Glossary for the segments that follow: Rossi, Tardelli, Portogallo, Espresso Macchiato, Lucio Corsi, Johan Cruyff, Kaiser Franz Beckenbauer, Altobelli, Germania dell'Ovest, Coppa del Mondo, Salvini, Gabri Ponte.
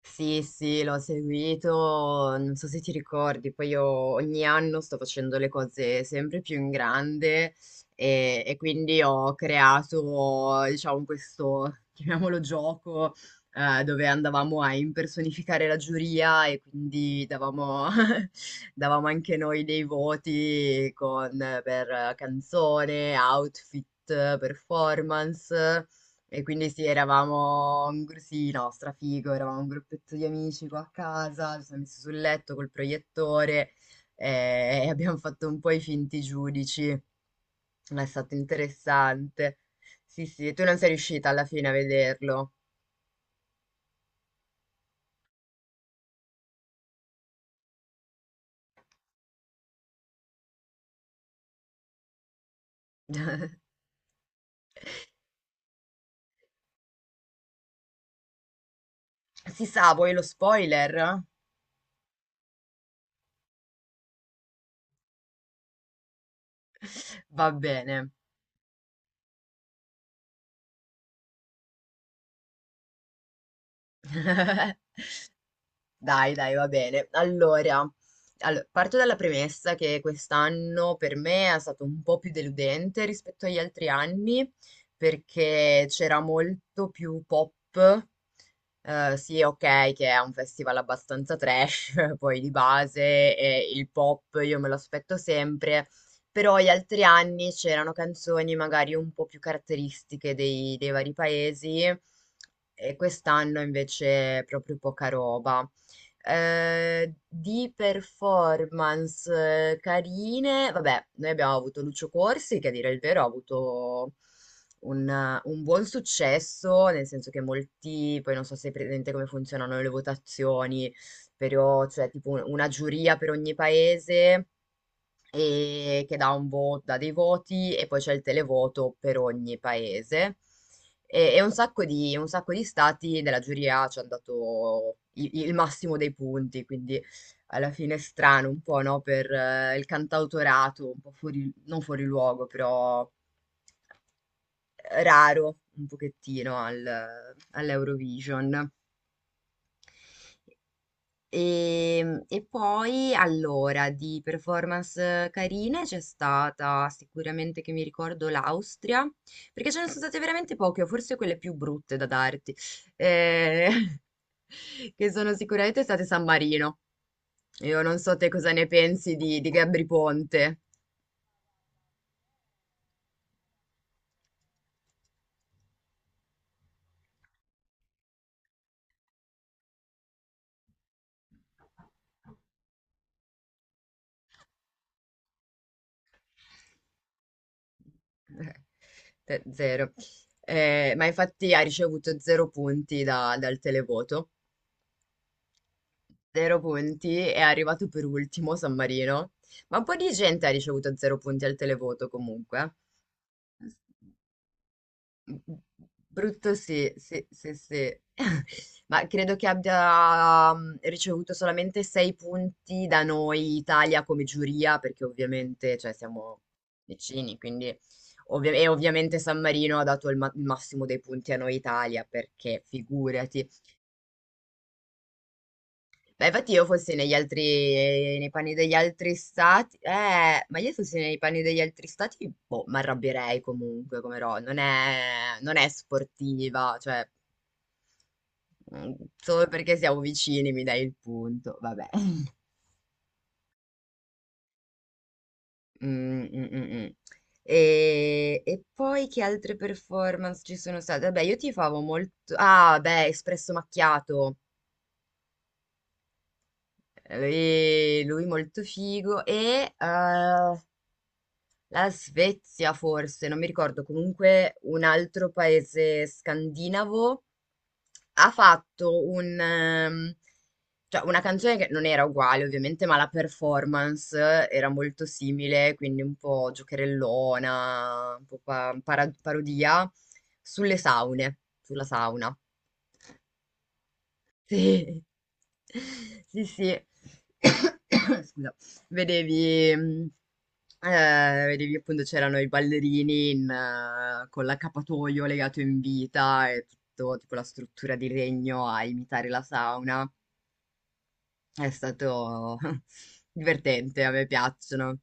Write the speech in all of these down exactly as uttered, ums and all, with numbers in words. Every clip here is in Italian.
Sì, sì, l'ho seguito, non so se ti ricordi, poi io ogni anno sto facendo le cose sempre più in grande e, e quindi ho creato, diciamo, questo, chiamiamolo gioco, eh, dove andavamo a impersonificare la giuria e quindi davamo, davamo anche noi dei voti con- per canzone, outfit, performance. E quindi sì, eravamo un gru- sì, no, strafigo, eravamo un gruppetto di amici qua a casa, ci siamo messi sul letto col proiettore, eh, e abbiamo fatto un po' i finti giudici. Ma È stato interessante. Sì, sì, tu non sei riuscita alla fine a vederlo. Si sa, vuoi lo spoiler? Va bene. Dai, dai, va bene. Allora, allo- parto dalla premessa che quest'anno per me è stato un po' più deludente rispetto agli altri anni, perché c'era molto più pop. Eh, sì, ok, che è un festival abbastanza trash, poi di base, e il pop io me lo aspetto sempre, però gli altri anni c'erano canzoni magari un po' più caratteristiche dei dei vari paesi. E quest'anno invece proprio poca roba, eh, di performance eh, carine. Vabbè, noi abbiamo avuto Lucio Corsi, che a dire il vero ha avuto un, eh, un buon successo, nel senso che molti, poi non so se è presente come funzionano le votazioni, però c'è tipo un- una giuria per ogni paese e che dà un voto, dà dei voti e poi c'è il televoto per ogni paese. E, e un sacco di, un sacco di stati della giuria ci hanno dato i- il massimo dei punti, quindi alla fine è strano un po', no? Per eh, il cantautorato, un po' fuori, non fuori luogo, però raro un pochettino al- all'Eurovision. E, e poi allora di performance carine c'è stata sicuramente, che mi ricordo, l'Austria, perché ce ne sono state veramente poche, o forse quelle più brutte da darti, eh, che sono sicuramente state San Marino. Io non so te cosa ne pensi di, di Gabri Ponte. Eh, te- Zero. Eh, ma infatti ha ricevuto zero punti da- dal televoto. Zero punti, è arrivato per ultimo San Marino, ma un po' di gente ha ricevuto zero punti al televoto comunque. Brutto sì, sì, sì, sì. Ma credo che abbia, mm, ricevuto solamente sei punti da noi Italia come giuria, perché ovviamente, cioè, siamo vicini, quindi... ovvia- e ovviamente San Marino ha dato il, ma- il massimo dei punti a noi Italia, perché figurati. Beh, infatti io fossi negli altri, nei panni degli altri stati, eh, ma io fossi nei panni degli altri stati, boh, mi arrabbierei comunque come Ro, non è, non è sportiva, cioè, mm, solo perché siamo vicini mi dai il punto, vabbè. Mm, mm, mm, mm. E, e poi che altre performance ci sono state? Vabbè, io tifavo molto, ah, beh, Espresso Macchiato, lui, lui molto figo e... eh, la Svezia forse, non mi ricordo, comunque un altro paese scandinavo ha fatto un, ehm, cioè una canzone che non era uguale ovviamente, ma la performance era molto simile, quindi un po' giocherellona, un po' pa- para- parodia sulle saune, sulla sauna. Sì, sì, sì. Scusa. Vedevi, mh, eh, vedevi appunto c'erano i ballerini in, eh, con l'accappatoio legato in vita e tutto, tipo la struttura di legno a imitare la sauna. È stato divertente, a me piacciono.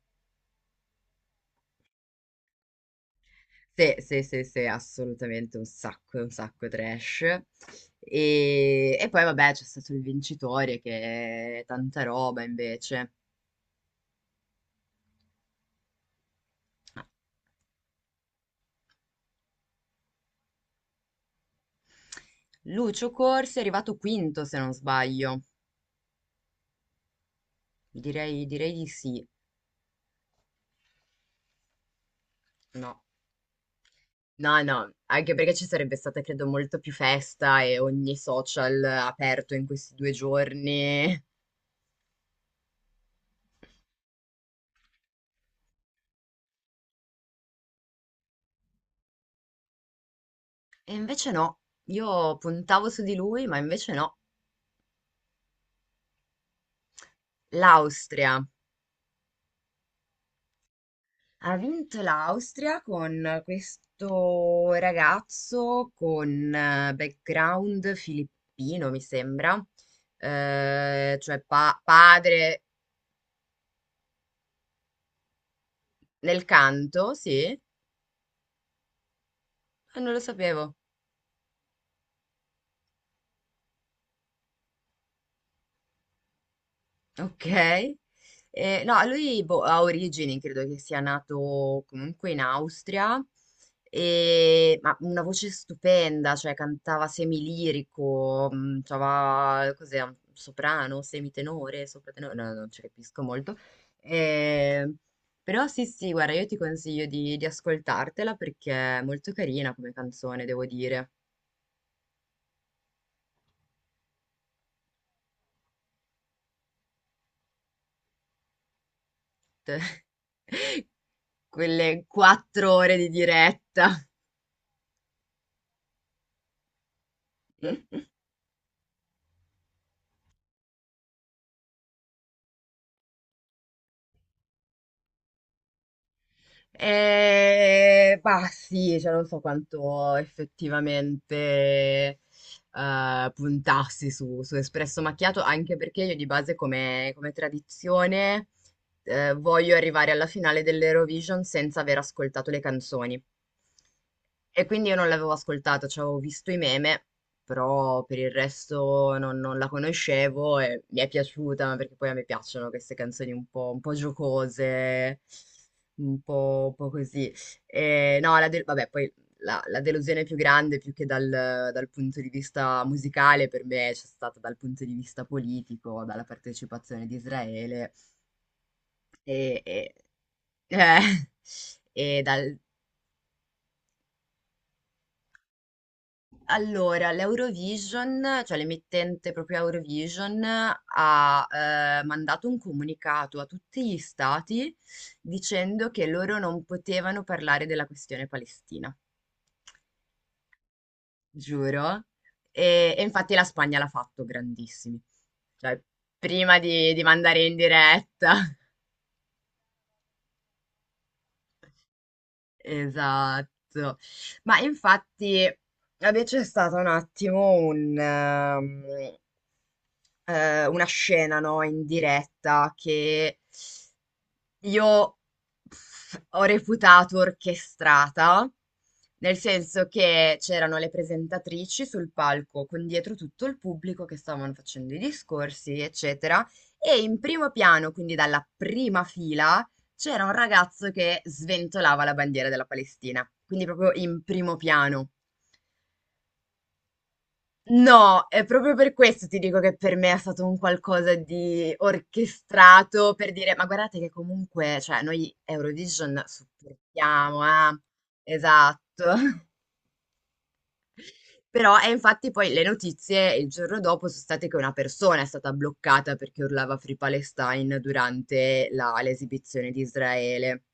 Sì, sì, sì, sì, assolutamente un sacco, un sacco trash. E, e poi vabbè c'è stato il vincitore, che è tanta roba invece. Lucio Corsi è arrivato quinto, se non sbaglio. Direi, direi di sì. No. No, no, anche perché ci sarebbe stata, credo, molto più festa e ogni social aperto in questi due giorni. E invece no, io puntavo su di lui, ma invece no. L'Austria. Ha vinto l'Austria con questo ragazzo con eh, background filippino, mi sembra. Eh, cioè pa- padre. Nel canto, sì? Ah, non lo sapevo. Ok. Eh, no, lui boh, ha origini, credo che sia nato comunque in Austria, e- ma una voce stupenda, cioè cantava semilirico, mh, cioè, cos'è, un soprano, semitenore, sopratenore, no, non ci capisco molto. Eh, però sì, sì, guarda, io ti consiglio di, di ascoltartela, perché è molto carina come canzone, devo dire. Quelle quattro ore di diretta. E bah, sì, cioè non so quanto effettivamente eh, puntassi su, su Espresso Macchiato, anche perché io di base, come, come tradizione, eh, voglio arrivare alla finale dell'Eurovision senza aver ascoltato le canzoni. E quindi io non l'avevo ascoltata, cioè avevo visto i meme, però per il resto non, non la conoscevo e mi è piaciuta, ma perché poi a me piacciono queste canzoni un po', un po' giocose, un po', un po' così. E no, la del- vabbè, poi la, la delusione più grande, più che dal, dal punto di vista musicale, per me c'è stata dal punto di vista politico, dalla partecipazione di Israele e, e- eh, e dal, allora, l'Eurovision, cioè l'emittente proprio Eurovision, ha eh, mandato un comunicato a tutti gli stati dicendo che loro non potevano parlare della questione Palestina, giuro. E, e infatti la Spagna l'ha fatto, grandissimi, cioè prima di, di mandare in diretta. Esatto. Ma infatti, vabbè, c'è stato un attimo un, ehm, eh, una scena, no, in diretta che io, pff, ho reputato orchestrata, nel senso che c'erano le presentatrici sul palco con dietro tutto il pubblico che stavano facendo i discorsi, eccetera, e in primo piano, quindi dalla prima fila, c'era un ragazzo che sventolava la bandiera della Palestina, quindi proprio in primo piano. No, è proprio per questo ti dico che per me è stato un qualcosa di orchestrato, per dire, ma guardate che comunque, cioè, noi Eurovision supportiamo, eh? Esatto. Però, e infatti poi le notizie il giorno dopo sono state che una persona è stata bloccata perché urlava Free Palestine durante la- l'esibizione di Israele.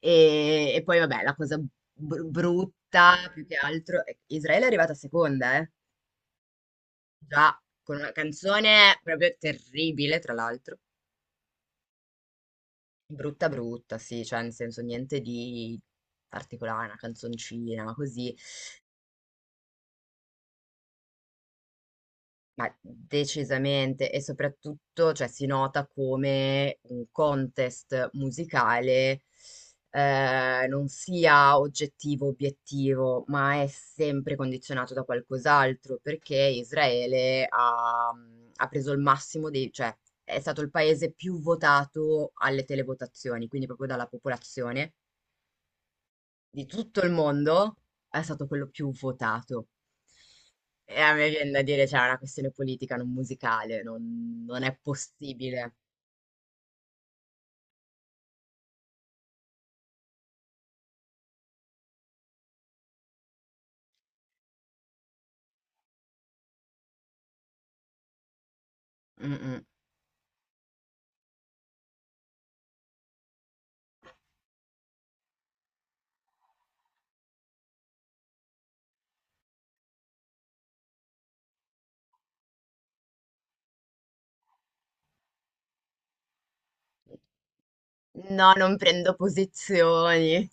E, e poi, vabbè, la cosa br- brutta più che altro, è che Israele è arrivata seconda, eh. Già, con una canzone proprio terribile, tra l'altro. Brutta brutta, sì, cioè nel senso niente di particolare, una canzoncina, così. Ma decisamente, e soprattutto, cioè, si nota come un contest musicale eh, non sia oggettivo, obiettivo, ma è sempre condizionato da qualcos'altro, perché Israele ha, ha preso il massimo dei, cioè, è stato il paese più votato alle televotazioni, quindi proprio dalla popolazione di tutto il mondo è stato quello più votato. E a me viene da dire, c'è una questione politica, non musicale, non, non è possibile. Mm-mm. No, non prendo posizioni.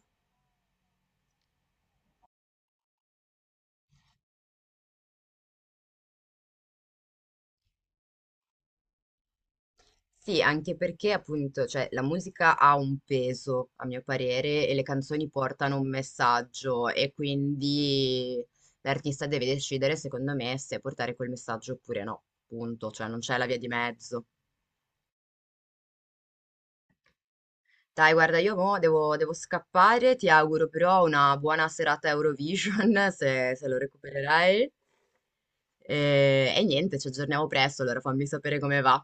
Sì, anche perché appunto, cioè, la musica ha un peso, a mio parere, e le canzoni portano un messaggio, e quindi l'artista deve decidere, secondo me, se portare quel messaggio oppure no. Punto, cioè non c'è la via di mezzo. Dai, guarda, io mo devo, devo scappare, ti auguro però una buona serata Eurovision, se, se lo recupererai. E, e niente, ci aggiorniamo presto, allora fammi sapere come va.